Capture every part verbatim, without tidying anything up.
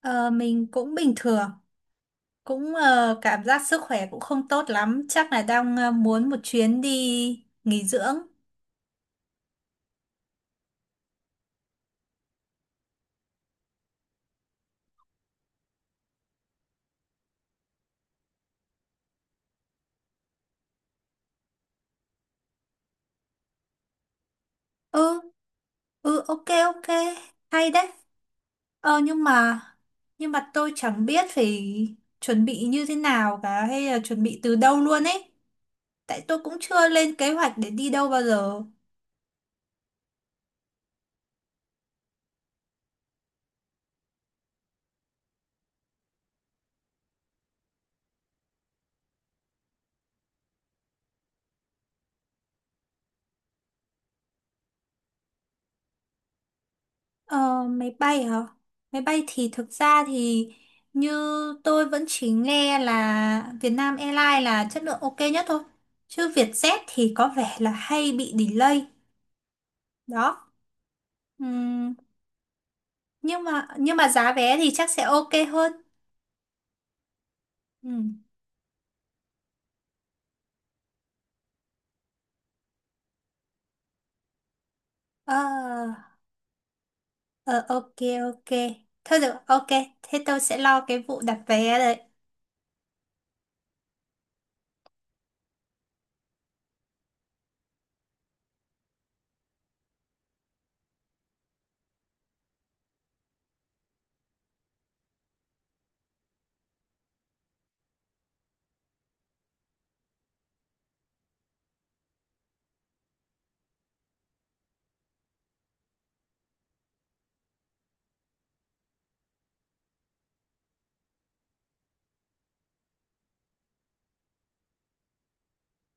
Ờ, mình cũng bình thường, cũng ờ, cảm giác sức khỏe cũng không tốt lắm, chắc là đang ờ, muốn một chuyến đi nghỉ dưỡng. Ừ, ừ ok ok, hay đấy. Ờ nhưng mà nhưng mà tôi chẳng biết phải chuẩn bị như thế nào cả hay là chuẩn bị từ đâu luôn ấy. Tại tôi cũng chưa lên kế hoạch để đi đâu bao giờ. Ờ, máy bay hả? Máy bay thì thực ra thì như tôi vẫn chỉ nghe là Việt Nam Airlines là chất lượng ok nhất thôi. Chứ Vietjet thì có vẻ là hay bị delay. Đó. Ừm, nhưng mà nhưng mà giá vé thì chắc sẽ ok hơn. Ừm. Ờ, ờ, ok ok. Thôi được, ok. Thế tôi sẽ lo cái vụ đặt vé đấy.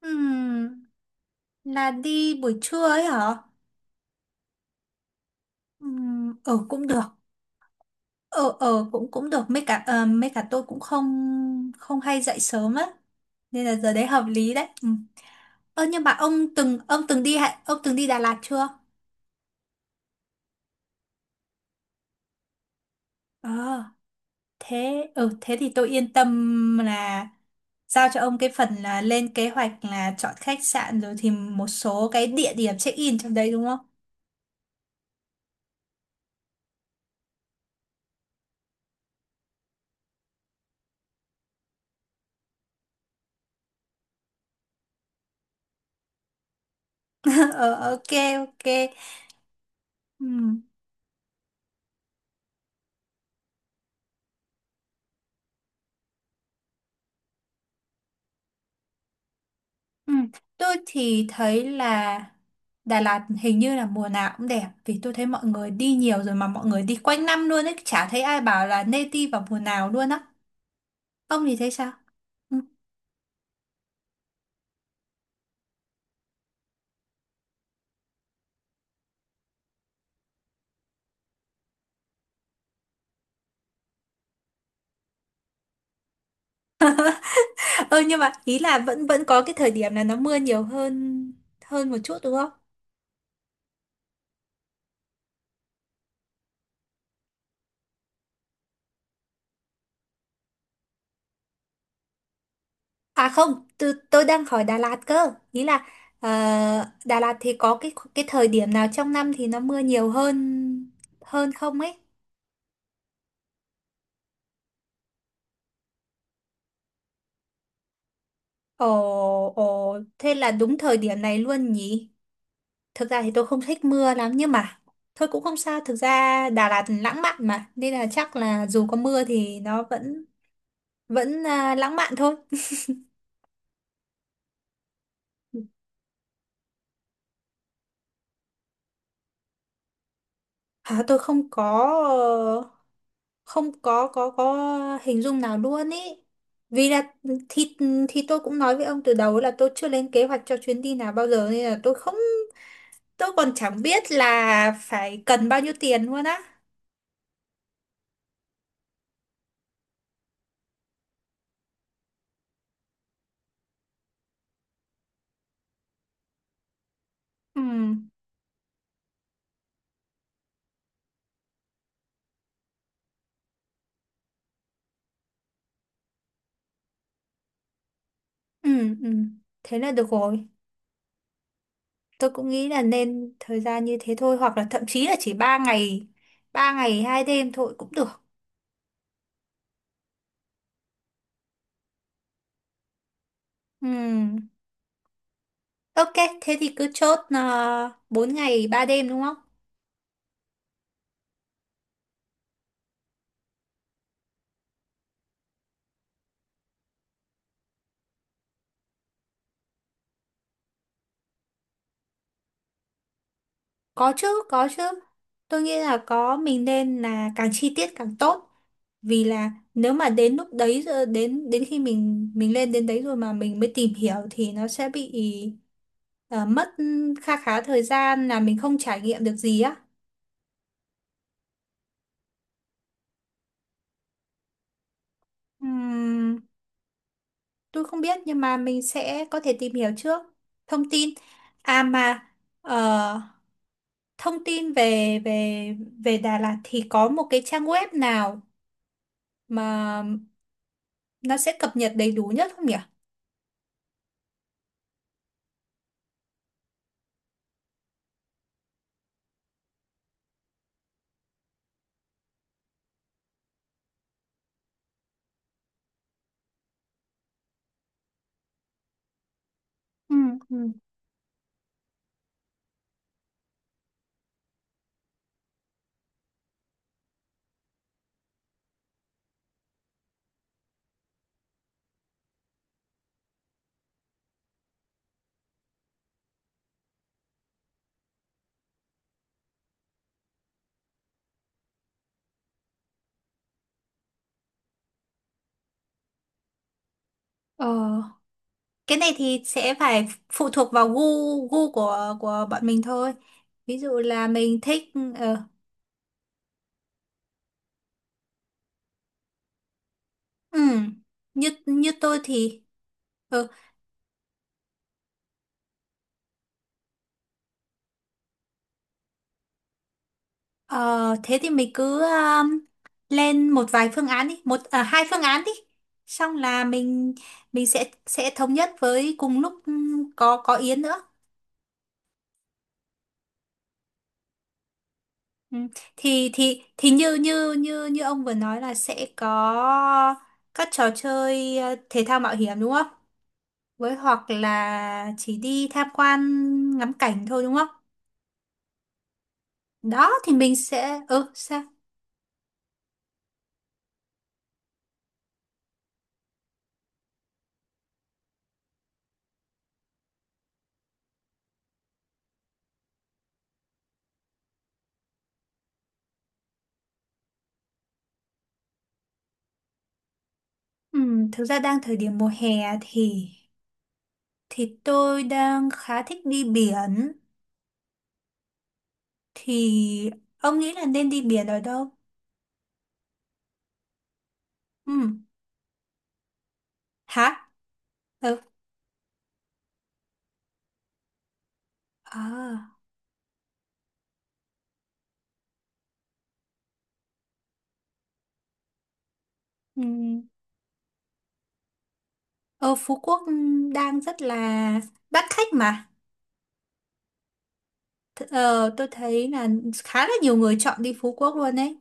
Ừm, là đi buổi trưa ấy hả? Ừm, ừ cũng được. Ờ ờ cũng cũng được mấy cả ờ, mấy cả tôi cũng không không hay dậy sớm á, nên là giờ đấy hợp lý đấy, ừ. Ơ nhưng mà ông từng ông từng đi Hạ- ông từng đi Đà Lạt chưa? Ờ, thế, ừ, thế thì tôi yên tâm là giao cho ông cái phần là lên kế hoạch, là chọn khách sạn rồi thì một số cái địa điểm check in trong đấy, đúng không? Ờ, ok. Ok, ừ. Ừ. Tôi thì thấy là Đà Lạt hình như là mùa nào cũng đẹp, vì tôi thấy mọi người đi nhiều rồi mà, mọi người đi quanh năm luôn ấy, chả thấy ai bảo là nên đi vào mùa nào luôn á. Ông thì thấy sao? Ừ. Ờ, nhưng mà ý là vẫn vẫn có cái thời điểm là nó mưa nhiều hơn hơn một chút đúng không? À không, tôi tôi đang hỏi Đà Lạt cơ, ý là ờ, Đà Lạt thì có cái cái thời điểm nào trong năm thì nó mưa nhiều hơn hơn không ấy? Ồ. Ồ, thế là đúng thời điểm này luôn nhỉ. Thực ra thì tôi không thích mưa lắm nhưng mà thôi cũng không sao. Thực ra Đà Lạt lãng mạn mà, nên là chắc là dù có mưa thì nó vẫn vẫn à, lãng mạn thôi. À, tôi không có ờ, không có có có hình dung nào luôn ý. Vì là thì thì tôi cũng nói với ông từ đầu là tôi chưa lên kế hoạch cho chuyến đi nào bao giờ, nên là tôi không tôi còn chẳng biết là phải cần bao nhiêu tiền luôn á. Ừ, ừ, ừ. Thế là được rồi. Tôi cũng nghĩ là nên thời gian như thế thôi, hoặc là thậm chí là chỉ ba ngày ba ngày hai đêm thôi cũng được. Ừm, ok, thế thì cứ chốt là bốn ngày ba đêm đúng không? Có chứ, có chứ. Tôi nghĩ là có, mình nên là càng chi tiết càng tốt. Vì là nếu mà đến lúc đấy rồi, đến đến khi mình mình lên đến đấy rồi mà mình mới tìm hiểu thì nó sẽ bị ờ, mất kha khá thời gian, là mình không trải nghiệm được gì á. Ừm. Tôi không biết nhưng mà mình sẽ có thể tìm hiểu trước thông tin. À mà ờ, thông tin về về về Đà Lạt thì có một cái trang web nào mà nó sẽ cập nhật đầy đủ nhất không nhỉ? Ừ, ừ. Ờ, cái này thì sẽ phải phụ thuộc vào gu gu của của bọn mình thôi. Ví dụ là mình thích ờ, ừ, như như tôi thì ừ, ờ, thế thì mình cứ um, lên một vài phương án đi, một à, hai phương án đi. Xong là mình mình sẽ sẽ thống nhất với cùng lúc um, có có Yến nữa. Ừ. Thì thì thì như như như như ông vừa nói là sẽ có các trò chơi ờ, thể thao mạo hiểm đúng không? Với hoặc là chỉ đi tham quan ngắm cảnh thôi đúng không? Đó thì mình sẽ, ừ, sao? Ừ, thực ra đang thời điểm mùa hè thì Thì tôi đang khá thích đi biển. Thì ông nghĩ là nên đi biển ở đâu? Ừ. Hả? Ừ. À. Ừ. Ờ, Phú Quốc đang rất là đắt khách mà. Th- Ờ, tôi thấy là khá là nhiều người chọn đi Phú Quốc luôn đấy.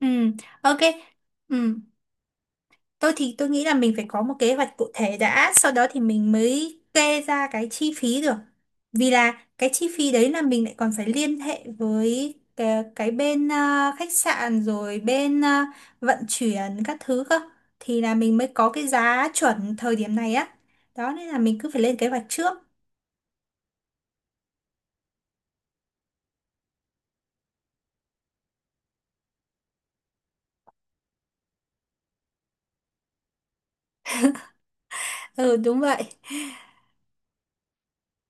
Ừ. Ok. Ừ. Tôi thì tôi nghĩ là mình phải có một kế hoạch cụ thể đã, sau đó thì mình mới kê ra cái chi phí được. Vì là cái chi phí đấy là mình lại còn phải liên hệ với cái, cái bên à, khách sạn rồi bên à, vận chuyển các thứ cơ. Thì là mình mới có cái giá chuẩn thời điểm này á. Đó nên là mình cứ phải lên kế hoạch trước. Ừ, đúng vậy.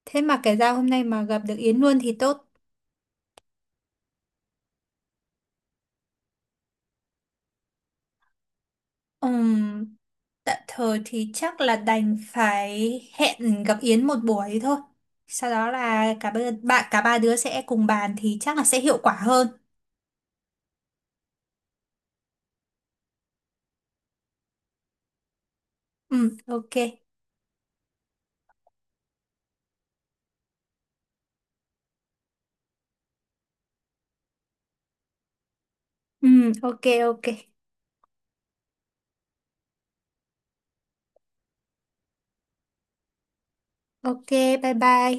Thế mà kể ra hôm nay mà gặp được Yến luôn thì tốt. Ừm, tạm thời thì chắc là đành phải hẹn gặp Yến một buổi thôi. Sau đó là cả ba, ba cả ba đứa sẽ cùng bàn thì chắc là sẽ hiệu quả hơn. Ừ, ok. Ừ, ok, ok. Ok, bye bye.